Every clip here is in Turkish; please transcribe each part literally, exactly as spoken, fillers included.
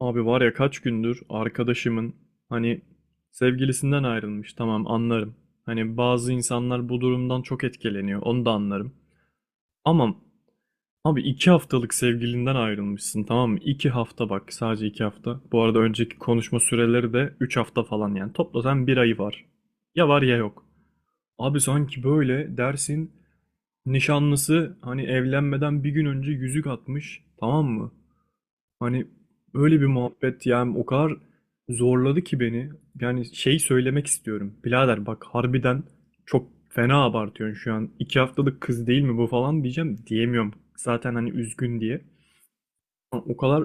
Abi var ya kaç gündür arkadaşımın hani sevgilisinden ayrılmış, tamam, anlarım. Hani bazı insanlar bu durumdan çok etkileniyor, onu da anlarım. Ama abi iki haftalık sevgilinden ayrılmışsın, tamam mı? İki hafta, bak, sadece iki hafta. Bu arada önceki konuşma süreleri de üç hafta falan, yani toplasan bir ayı var. Ya var ya yok. Abi sanki böyle dersin nişanlısı hani evlenmeden bir gün önce yüzük atmış, tamam mı? Hani öyle bir muhabbet, yani o kadar zorladı ki beni. Yani şey söylemek istiyorum. Birader bak, harbiden çok fena abartıyorsun şu an. İki haftalık kız değil mi bu falan diyeceğim. Diyemiyorum. Zaten hani üzgün diye. Ama o kadar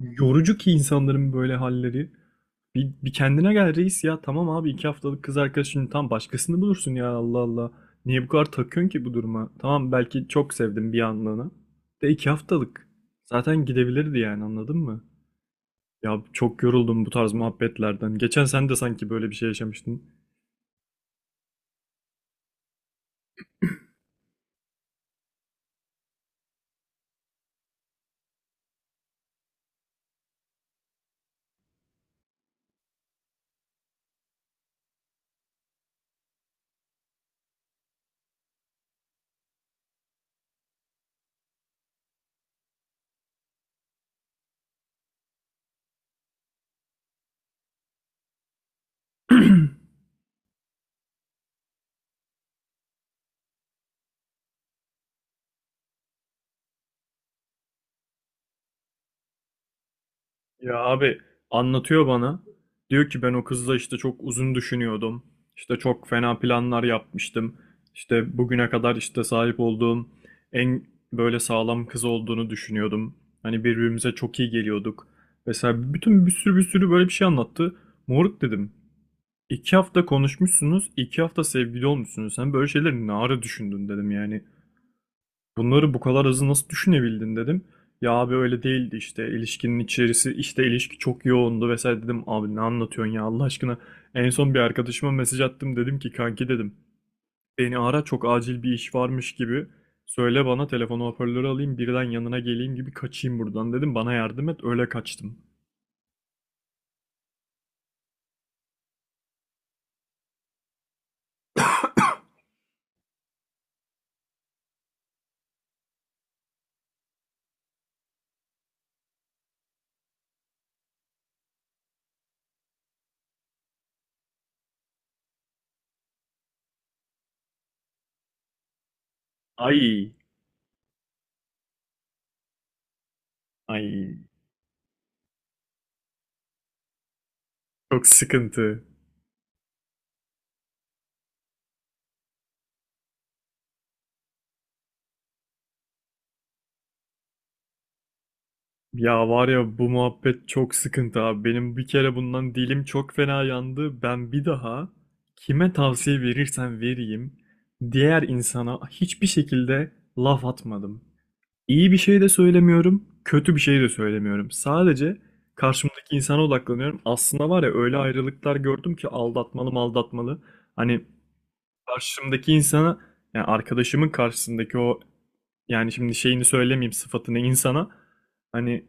yorucu ki insanların böyle halleri. Bir, bir kendine gel reis ya. Tamam abi, iki haftalık kız arkadaşını, tam başkasını bulursun ya, Allah Allah. Niye bu kadar takıyorsun ki bu duruma? Tamam, belki çok sevdim bir anlığına. De iki haftalık. Zaten gidebilirdi yani, anladın mı? Ya çok yoruldum bu tarz muhabbetlerden. Geçen sen de sanki böyle bir şey yaşamıştın. Ya abi, anlatıyor bana. Diyor ki ben o kızla işte çok uzun düşünüyordum. İşte çok fena planlar yapmıştım. İşte bugüne kadar işte sahip olduğum en böyle sağlam kız olduğunu düşünüyordum. Hani birbirimize çok iyi geliyorduk. Mesela bütün bir sürü bir sürü böyle bir şey anlattı. Moruk dedim. İki hafta konuşmuşsunuz, iki hafta sevgili olmuşsunuz. Sen böyle şeyleri ne ara düşündün dedim yani. Bunları bu kadar hızlı nasıl düşünebildin dedim. Ya abi öyle değildi işte, ilişkinin içerisi işte, ilişki çok yoğundu vesaire dedim. Abi ne anlatıyorsun ya, Allah aşkına. En son bir arkadaşıma mesaj attım, dedim ki kanki dedim. Beni ara, çok acil bir iş varmış gibi. Söyle, bana telefonu hoparlörü alayım, birden yanına geleyim gibi kaçayım buradan dedim. Bana yardım et, öyle kaçtım. Ay ay, çok sıkıntı. Ya var ya, bu muhabbet çok sıkıntı abi. Benim bir kere bundan dilim çok fena yandı. Ben bir daha kime tavsiye verirsem vereyim diğer insana hiçbir şekilde laf atmadım. İyi bir şey de söylemiyorum, kötü bir şey de söylemiyorum. Sadece karşımdaki insana odaklanıyorum. Aslında var ya, öyle ayrılıklar gördüm ki aldatmalı mı aldatmalı. Hani karşımdaki insana, yani arkadaşımın karşısındaki o, yani şimdi şeyini söylemeyeyim sıfatını, insana hani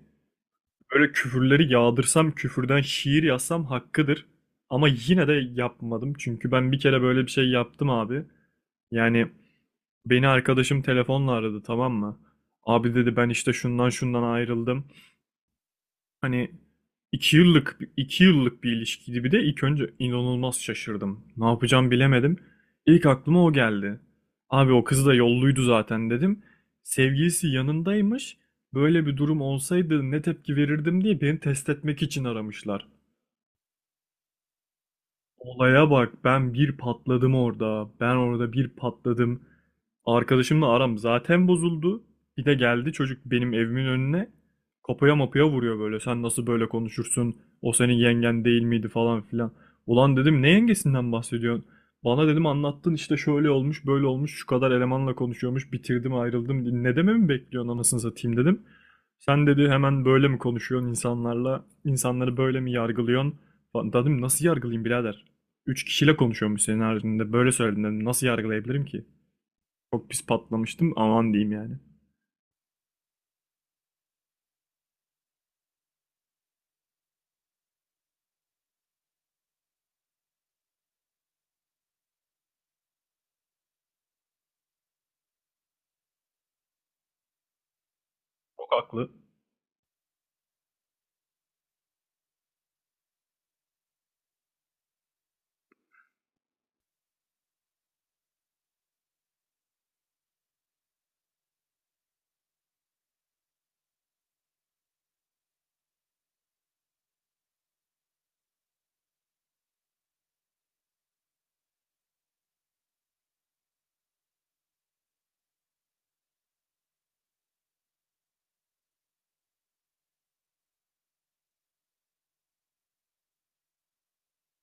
böyle küfürleri yağdırsam, küfürden şiir yazsam hakkıdır. Ama yine de yapmadım. Çünkü ben bir kere böyle bir şey yaptım abi. Yani beni arkadaşım telefonla aradı, tamam mı? Abi dedi, ben işte şundan şundan ayrıldım. Hani iki yıllık iki yıllık bir ilişkiydi, bir de ilk önce inanılmaz şaşırdım. Ne yapacağım bilemedim. İlk aklıma o geldi. Abi o kız da yolluydu zaten dedim. Sevgilisi yanındaymış. Böyle bir durum olsaydı ne tepki verirdim diye beni test etmek için aramışlar. Olaya bak, ben bir patladım orada. Ben orada bir patladım. Arkadaşımla aram zaten bozuldu. Bir de geldi çocuk benim evimin önüne. Kapıya mapıya vuruyor böyle. Sen nasıl böyle konuşursun? O senin yengen değil miydi falan filan. Ulan dedim, ne yengesinden bahsediyorsun? Bana dedim anlattın işte, şöyle olmuş böyle olmuş, şu kadar elemanla konuşuyormuş, bitirdim ayrıldım. Ne dememi bekliyorsun anasını satayım dedim. Sen dedi hemen böyle mi konuşuyorsun insanlarla? İnsanları böyle mi yargılıyorsun? Lan dedim, nasıl yargılayayım birader? Üç kişiyle konuşuyormuş senin haricinde. Böyle söyledin dedim. Nasıl yargılayabilirim ki? Çok pis patlamıştım. Aman diyeyim yani. Çok haklı.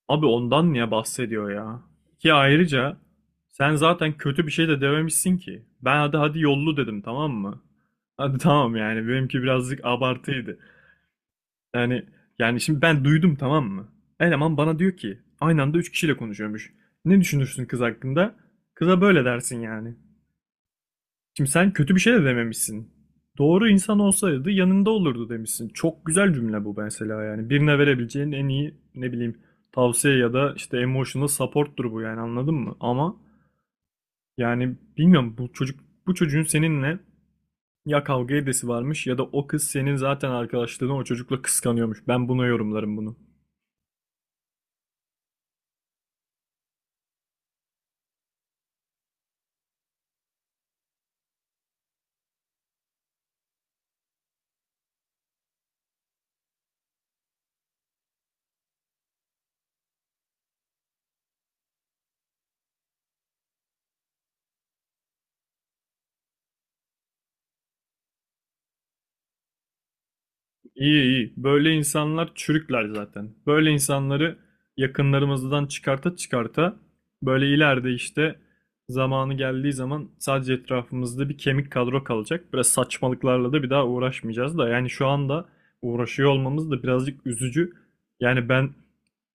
Abi ondan niye bahsediyor ya? Ki ayrıca sen zaten kötü bir şey de dememişsin ki. Ben hadi hadi yollu dedim, tamam mı? Hadi tamam, yani benimki birazcık abartıydı. Yani yani şimdi ben duydum, tamam mı? Eleman bana diyor ki aynı anda üç kişiyle konuşuyormuş. Ne düşünürsün kız hakkında? Kıza böyle dersin yani. Şimdi sen kötü bir şey de dememişsin. Doğru insan olsaydı yanında olurdu demişsin. Çok güzel cümle bu mesela yani. Birine verebileceğin en iyi, ne bileyim, tavsiye ya da işte emotional support'tur bu yani, anladın mı? Ama yani bilmiyorum, bu çocuk bu çocuğun seninle ya kavga edesi varmış, ya da o kız senin zaten arkadaşlığını o çocukla kıskanıyormuş. Ben buna yorumlarım bunu. İyi iyi. Böyle insanlar çürükler zaten. Böyle insanları yakınlarımızdan çıkarta çıkarta, böyle ileride işte zamanı geldiği zaman sadece etrafımızda bir kemik kadro kalacak. Biraz saçmalıklarla da bir daha uğraşmayacağız da yani şu anda uğraşıyor olmamız da birazcık üzücü. Yani ben,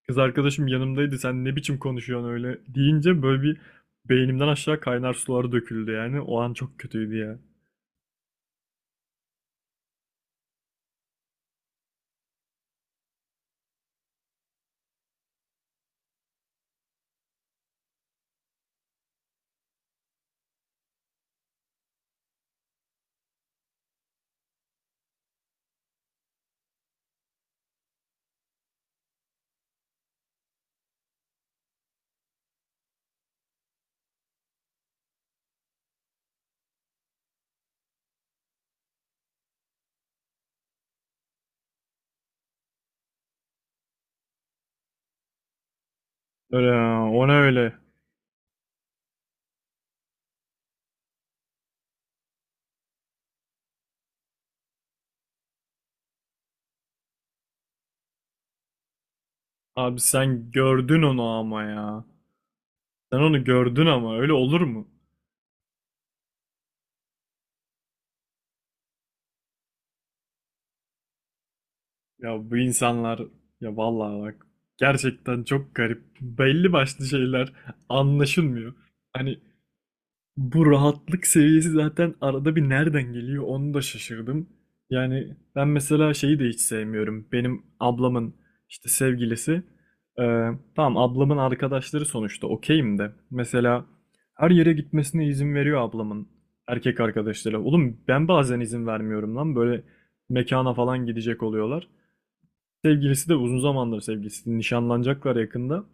kız arkadaşım yanımdaydı sen ne biçim konuşuyorsun öyle deyince, böyle bir beynimden aşağı kaynar sular döküldü yani. O an çok kötüydü ya. Öyle ya, o ne öyle? Abi sen gördün onu ama ya. Sen onu gördün, ama öyle olur mu? Ya bu insanlar, ya vallahi bak, gerçekten çok garip. Belli başlı şeyler anlaşılmıyor. Hani bu rahatlık seviyesi zaten arada bir nereden geliyor, onu da şaşırdım. Yani ben mesela şeyi de hiç sevmiyorum. Benim ablamın işte sevgilisi. e, tamam, ablamın arkadaşları sonuçta, okeyim de. Mesela her yere gitmesine izin veriyor ablamın erkek arkadaşları. Oğlum ben bazen izin vermiyorum lan, böyle mekana falan gidecek oluyorlar. Sevgilisi de, uzun zamandır sevgilisi, nişanlanacaklar yakında,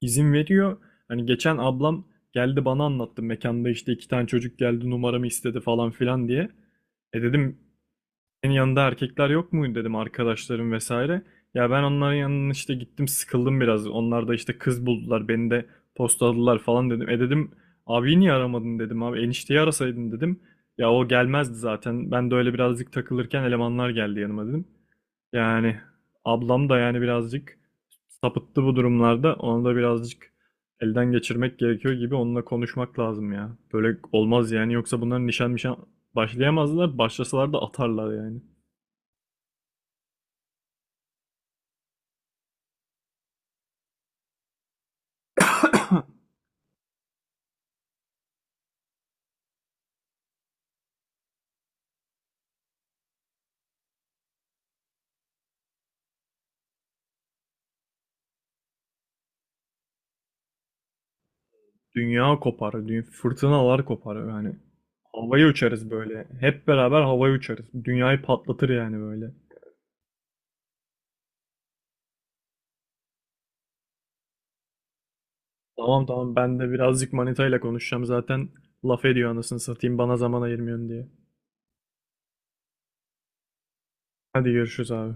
izin veriyor. Hani geçen ablam geldi bana anlattı. Mekanda işte iki tane çocuk geldi numaramı istedi falan filan diye. E dedim, senin yanında erkekler yok muydu dedim, arkadaşlarım vesaire. Ya ben onların yanına işte gittim, sıkıldım biraz. Onlar da işte kız buldular, beni de postaladılar falan dedim. E dedim, abi niye aramadın dedim, abi enişteyi arasaydın dedim. Ya o gelmezdi zaten. Ben de öyle birazcık takılırken elemanlar geldi yanıma dedim. Yani ablam da yani birazcık sapıttı bu durumlarda. Onu da birazcık elden geçirmek gerekiyor gibi, onunla konuşmak lazım ya. Böyle olmaz yani, yoksa bunların nişan nişan başlayamazlar. Başlasalar da atarlar yani. Dünya kopar, dü- fırtınalar kopar yani. Havaya uçarız böyle. Hep beraber havaya uçarız. Dünyayı patlatır yani böyle. Tamam tamam, ben de birazcık manitayla konuşacağım zaten. Laf ediyor anasını satayım, bana zaman ayırmıyorsun diye. Hadi görüşürüz abi.